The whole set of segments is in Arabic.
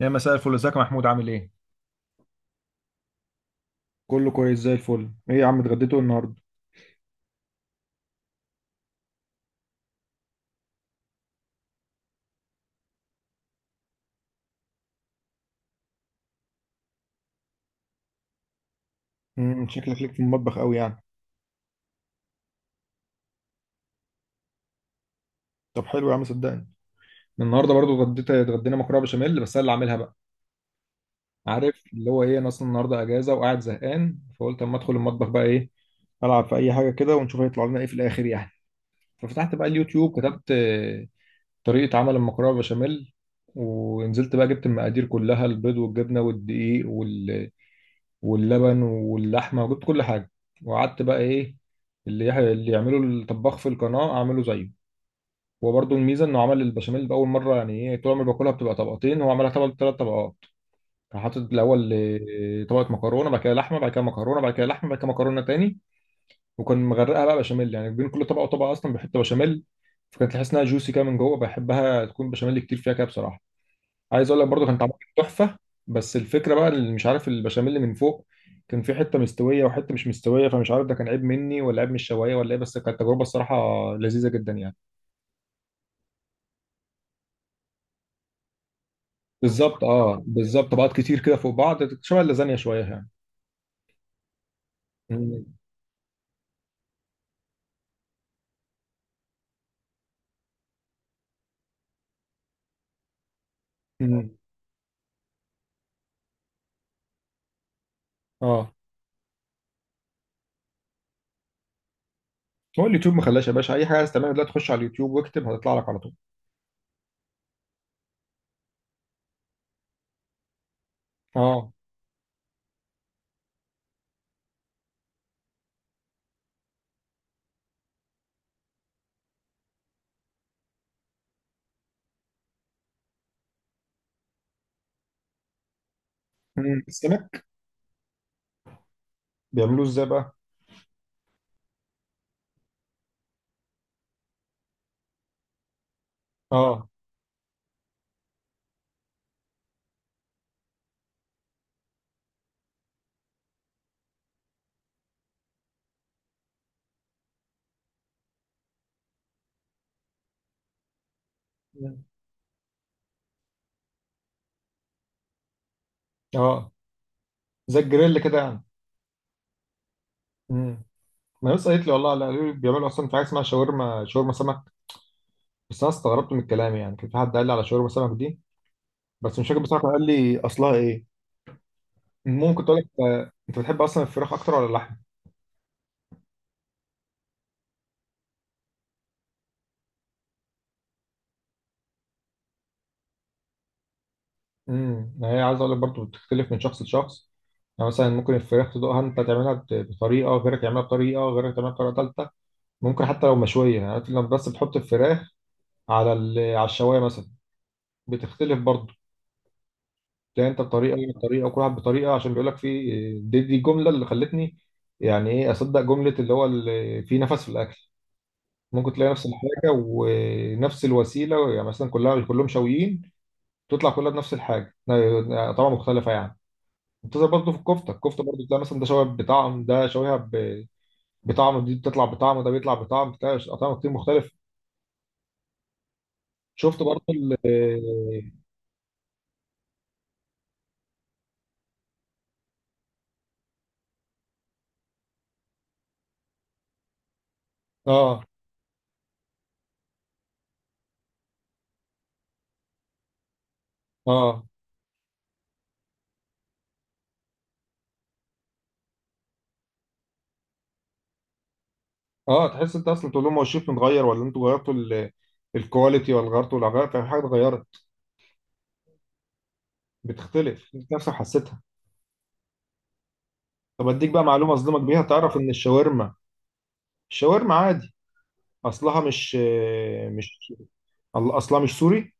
يا مساء الفل، ازيك يا محمود؟ عامل ايه؟ كله كويس زي الفل. ايه يا عم اتغديتوا ايه النهارده؟ شكلك ليك في المطبخ قوي يعني. طب حلو يا عم صدقني. النهارده برضو اتغدينا مكرونه بشاميل، بس انا اللي عاملها بقى. عارف اللي هو ايه؟ انا اصلا النهارده اجازه وقاعد زهقان، فقلت اما ادخل المطبخ بقى، ايه العب في اي حاجه كده ونشوف هيطلع لنا ايه في الاخر يعني. ففتحت بقى اليوتيوب كتبت طريقه عمل المكرونه بشاميل. ونزلت بقى، جبت المقادير كلها، البيض والجبنه والدقيق واللبن واللحمه، وجبت كل حاجه. وقعدت بقى ايه، اللي يعمله الطباخ في القناه اعمله زيه. هو برضه الميزه انه عمل البشاميل باول مره. يعني ايه، طول عمري باكلها بتبقى طبقتين، هو عملها طبق ثلاث طبقات. كان حاطط الاول طبقه مكرونه، بعد كده لحمه، بعد كده مكرونه، بعد كده لحمه، بعد كده مكرونه تاني. وكان مغرقها بقى بشاميل، يعني بين كل طبقه وطبقه اصلا بيحط بشاميل. فكانت تحس انها جوسي كده من جوه. بحبها تكون بشاميل كتير فيها كده بصراحه. عايز اقول لك برضو كان طعمها كان تحفه. بس الفكره بقى اللي مش عارف، البشاميل اللي من فوق كان في حته مستويه وحته مش مستويه، فمش عارف ده كان عيب مني ولا عيب من الشوايه ولا ايه، بس كانت تجربه الصراحه لذيذه جدا يعني. بالظبط، بالظبط، طبقات كتير كده فوق بعض، شبه اللازانيا شويه يعني. مم. مم. اه. هو اليوتيوب ما خلاش يا باشا، اي حاجه عايز تعملها دلوقتي تخش على اليوتيوب واكتب هتطلع لك على طول. اه. مم. السمك، بيعملوه ازاي بقى؟ اه. مم. اه. زي الجريل كده يعني. مم. ما ناس قالت لي والله، لا قالوا لي بيعملوا اصلا في حاجه اسمها شاورما، شاورما سمك. بس انا استغربت من الكلام يعني. كان في حد قال لي على شاورما سمك دي، بس مش فاكر بصراحه كان قال لي اصلها ايه. ممكن تقول لك انت بتحب اصلا الفراخ اكتر ولا اللحم؟ هي عايز اقول لك برضه بتختلف من شخص لشخص. يعني مثلا ممكن الفراخ تدوقها انت تعملها بطريقه، غيرك يعملها بطريقه، غيرك تعملها بطريقه ثالثه. ممكن حتى لو مشويه، يعني عارف لما بس بتحط الفراخ على على الشوايه مثلا بتختلف برضه. تلاقي انت بطريقه وأنا بطريقه وكل واحد بطريقه. عشان بيقول لك في، دي الجمله اللي خلتني يعني ايه اصدق جمله، اللي هو اللي في نفس، في الاكل ممكن تلاقي نفس الحاجة ونفس الوسيلة، يعني مثلا كلهم شاويين، تطلع كلها بنفس الحاجة، طبعا مختلفة يعني. بتظهر برضه في الكفتة. الكفتة برضه تلاقي مثلا ده شوية بطعم، ده شوية بطعم، دي بتطلع بطعم، ده بيطلع بطعم، بتلاقي أطعمة كتير مختلفة. شفت برضه اه، اه، اه. تحس انت اصلا، تقول لهم هو الشيف متغير ولا انتوا غيرتوا الكواليتي، ولا غيرتوا، ولا غيرت في حاجة اتغيرت؟ بتختلف انت نفسك حسيتها. طب اديك بقى معلومة اصدمك بيها. تعرف ان الشاورما عادي اصلها مش مش اصلها مش سوري.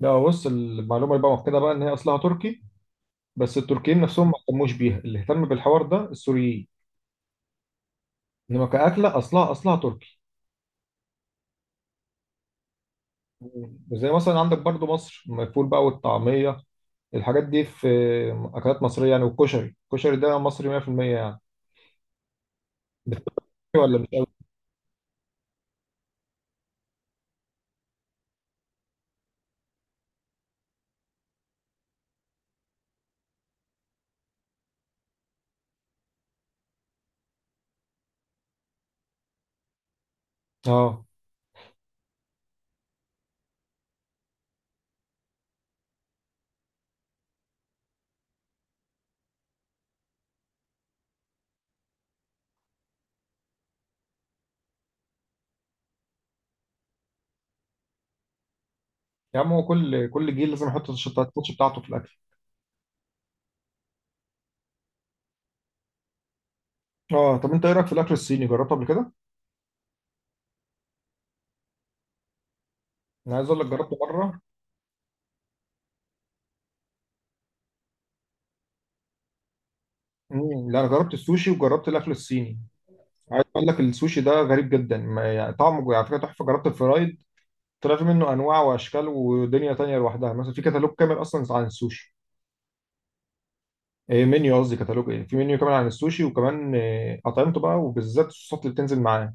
لا بص، المعلومه اللي بقى مؤكده بقى ان هي اصلها تركي، بس التركيين نفسهم ما اهتموش بيها، اللي اهتم بالحوار ده السوريين. انما كاكله اصلها تركي. زي مثلا عندك برضو مصر، الفول بقى والطعميه، الحاجات دي في اكلات مصريه يعني. والكشري، الكشري ده مصري 100% يعني. بتفكر ولا مش قوي؟ اه. يا عم هو كل جيل لازم يحط التاتش بتاعته في الاكل. اه. طب انت ايه رايك في الاكل الصيني، جربته قبل كده؟ انا عايز اقول لك جربته مره. مم. لا انا جربت السوشي وجربت الاكل الصيني. عايز اقول لك السوشي ده غريب جدا، ما يعني طعمه على فكره تحفه. جربت الفرايد، طلع في منه انواع واشكال ودنيا تانية لوحدها. مثلا في كتالوج كامل اصلا عن السوشي. إيه منيو، قصدي كتالوج، ايه، في منيو كامل عن السوشي، وكمان إيه اطعمته بقى، وبالذات الصوصات اللي بتنزل معاه.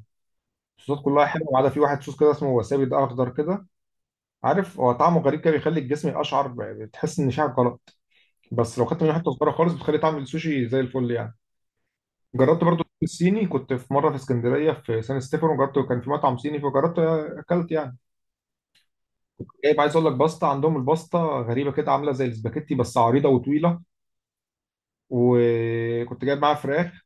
الصوصات كلها حلوه ما عدا في واحد صوص كده اسمه وسابي، ده اخضر كده، عارف. هو طعمه غريب كده، بيخلي الجسم اشعر، بتحس ان شعرك غلط. بس لو خدت منه حته صغيره خالص بتخلي طعم السوشي زي الفل يعني. جربت برضو الصيني، كنت في مره في اسكندريه في سان ستيفانو، جربت، كان في مطعم صيني فجربت اكلت يعني. جايب، عايز اقول لك، باستا. عندهم الباستا غريبه كده، عامله زي الاسباجيتي بس عريضه وطويله. وكنت جايب معاها فراخ،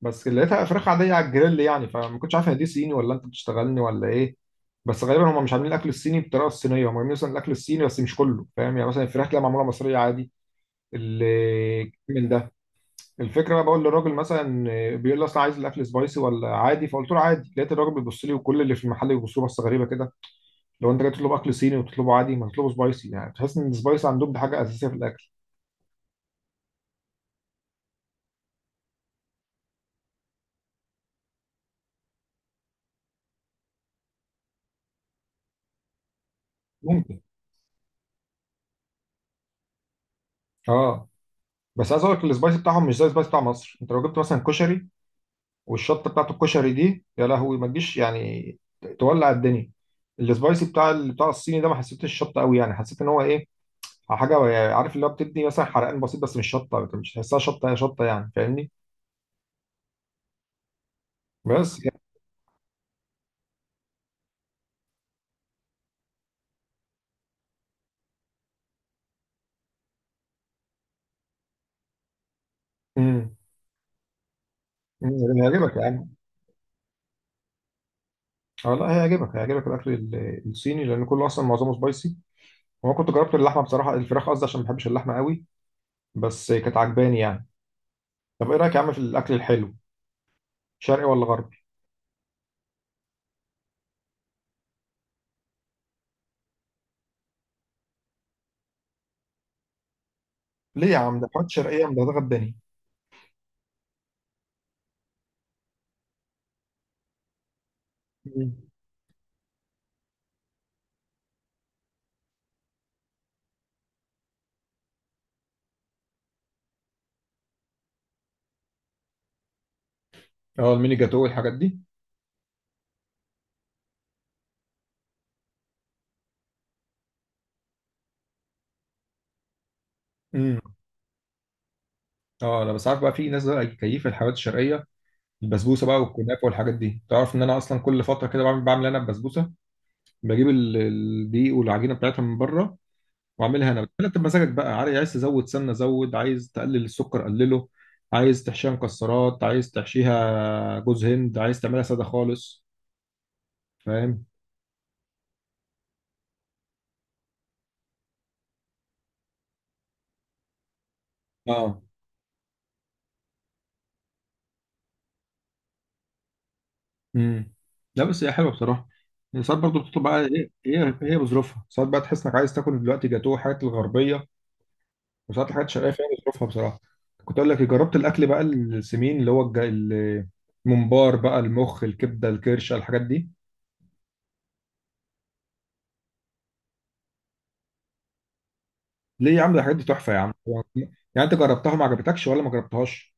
بس لقيتها فراخ عاديه على الجريل يعني. فما كنتش عارف هي دي صيني ولا انت بتشتغلني ولا ايه. بس غالبا هم مش عاملين الاكل الصيني بالطريقه الصينيه، هم عاملين مثلا الاكل الصيني بس مش كله فاهم. يعني مثلا الفراخ تلاقيها معموله مصريه عادي. من ده، الفكره انا بقول للراجل مثلا، بيقول لي اصل عايز الاكل سبايسي ولا عادي، فقلت له عادي. لقيت الراجل بيبص لي، وكل اللي في المحل بيبصوا لي بصه غريبه كده. لو انت جاي تطلب اكل صيني وتطلبه عادي ما تطلبه سبايسي، يعني تحس ان السبايسي عندهم دي حاجه اساسيه في الاكل. ممكن. اه. بس عايز اقول لك السبايسي بتاعهم مش زي السبايسي بتاع مصر. انت لو جبت مثلا كشري والشطه بتاعت الكشري دي، يا لهوي، ما تجيش يعني تولع الدنيا. السبايسي بتاع الصيني ده ما حسيتش الشطه قوي يعني، حسيت ان هو ايه، حاجه يعني، عارف اللي هو، بتدي مثلا حرقان بسيط بس مش شطه، مش تحسها شطه شطه يعني، فاهمني؟ بس. امم هيعجبك يا عم. اه لا هيعجبك، هيعجبك الاكل الصيني، لان كله اصلا معظمه سبايسي. وانا كنت جربت اللحمه، بصراحه الفراخ قصدي، عشان ما بحبش اللحمه قوي، بس كانت عجباني يعني. طب ايه رايك يا عم في الاكل الحلو، شرقي ولا غربي؟ ليه يا عم، ده حوت شرقيه من ده غداني. مم. اه الميني جاتو والحاجات دي. امم اه انا بس عارف بقى، في ناس بقى كيف الحلويات الشرقيه، البسبوسه بقى والكنافه والحاجات دي. تعرف ان انا اصلا كل فتره كده بعمل، انا البسبوسه. بجيب الدقيق والعجينه بتاعتها من بره، واعملها انا. انت بمزاجك بقى، عايز تزود سمنه زود، عايز تقلل السكر قلله، عايز تحشيها مكسرات، عايز تحشيها جوز هند، عايز تعملها ساده خالص. فاهم؟ اه. امم لا بس هي حلوه بصراحه. ساعات برضه بتطلب بقى، ايه، هي بظروفها، ساعات بقى تحس انك عايز تاكل دلوقتي جاتوه، حاجات الغربيه. وساعات الحاجات الشرقيه، فيها بظروفها بصراحه. كنت اقول لك إيه، جربت الاكل بقى السمين، اللي هو الممبار بقى، المخ، الكبده، الكرشه، الحاجات دي. ليه يا عم، ده الحاجات دي تحفه يا عم. يعني انت جربتها ما عجبتكش ولا ما جربتهاش؟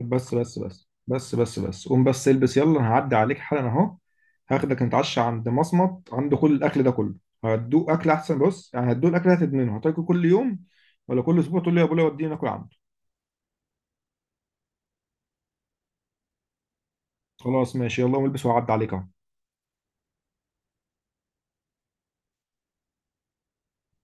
بس بس بس بس بس بس، قوم بس البس يلا، انا هعدي عليك حالا اهو. هاخدك نتعشى عند مصمت، عنده كل الاكل ده كله. هتدوق اكل احسن، بص يعني هتدوق الاكل هتدمنه، هتاكل كل يوم ولا كل اسبوع تقول لي يا ابويا وديني ناكل عنده. خلاص ماشي، يلا قوم البس وهعدي عليك اهو.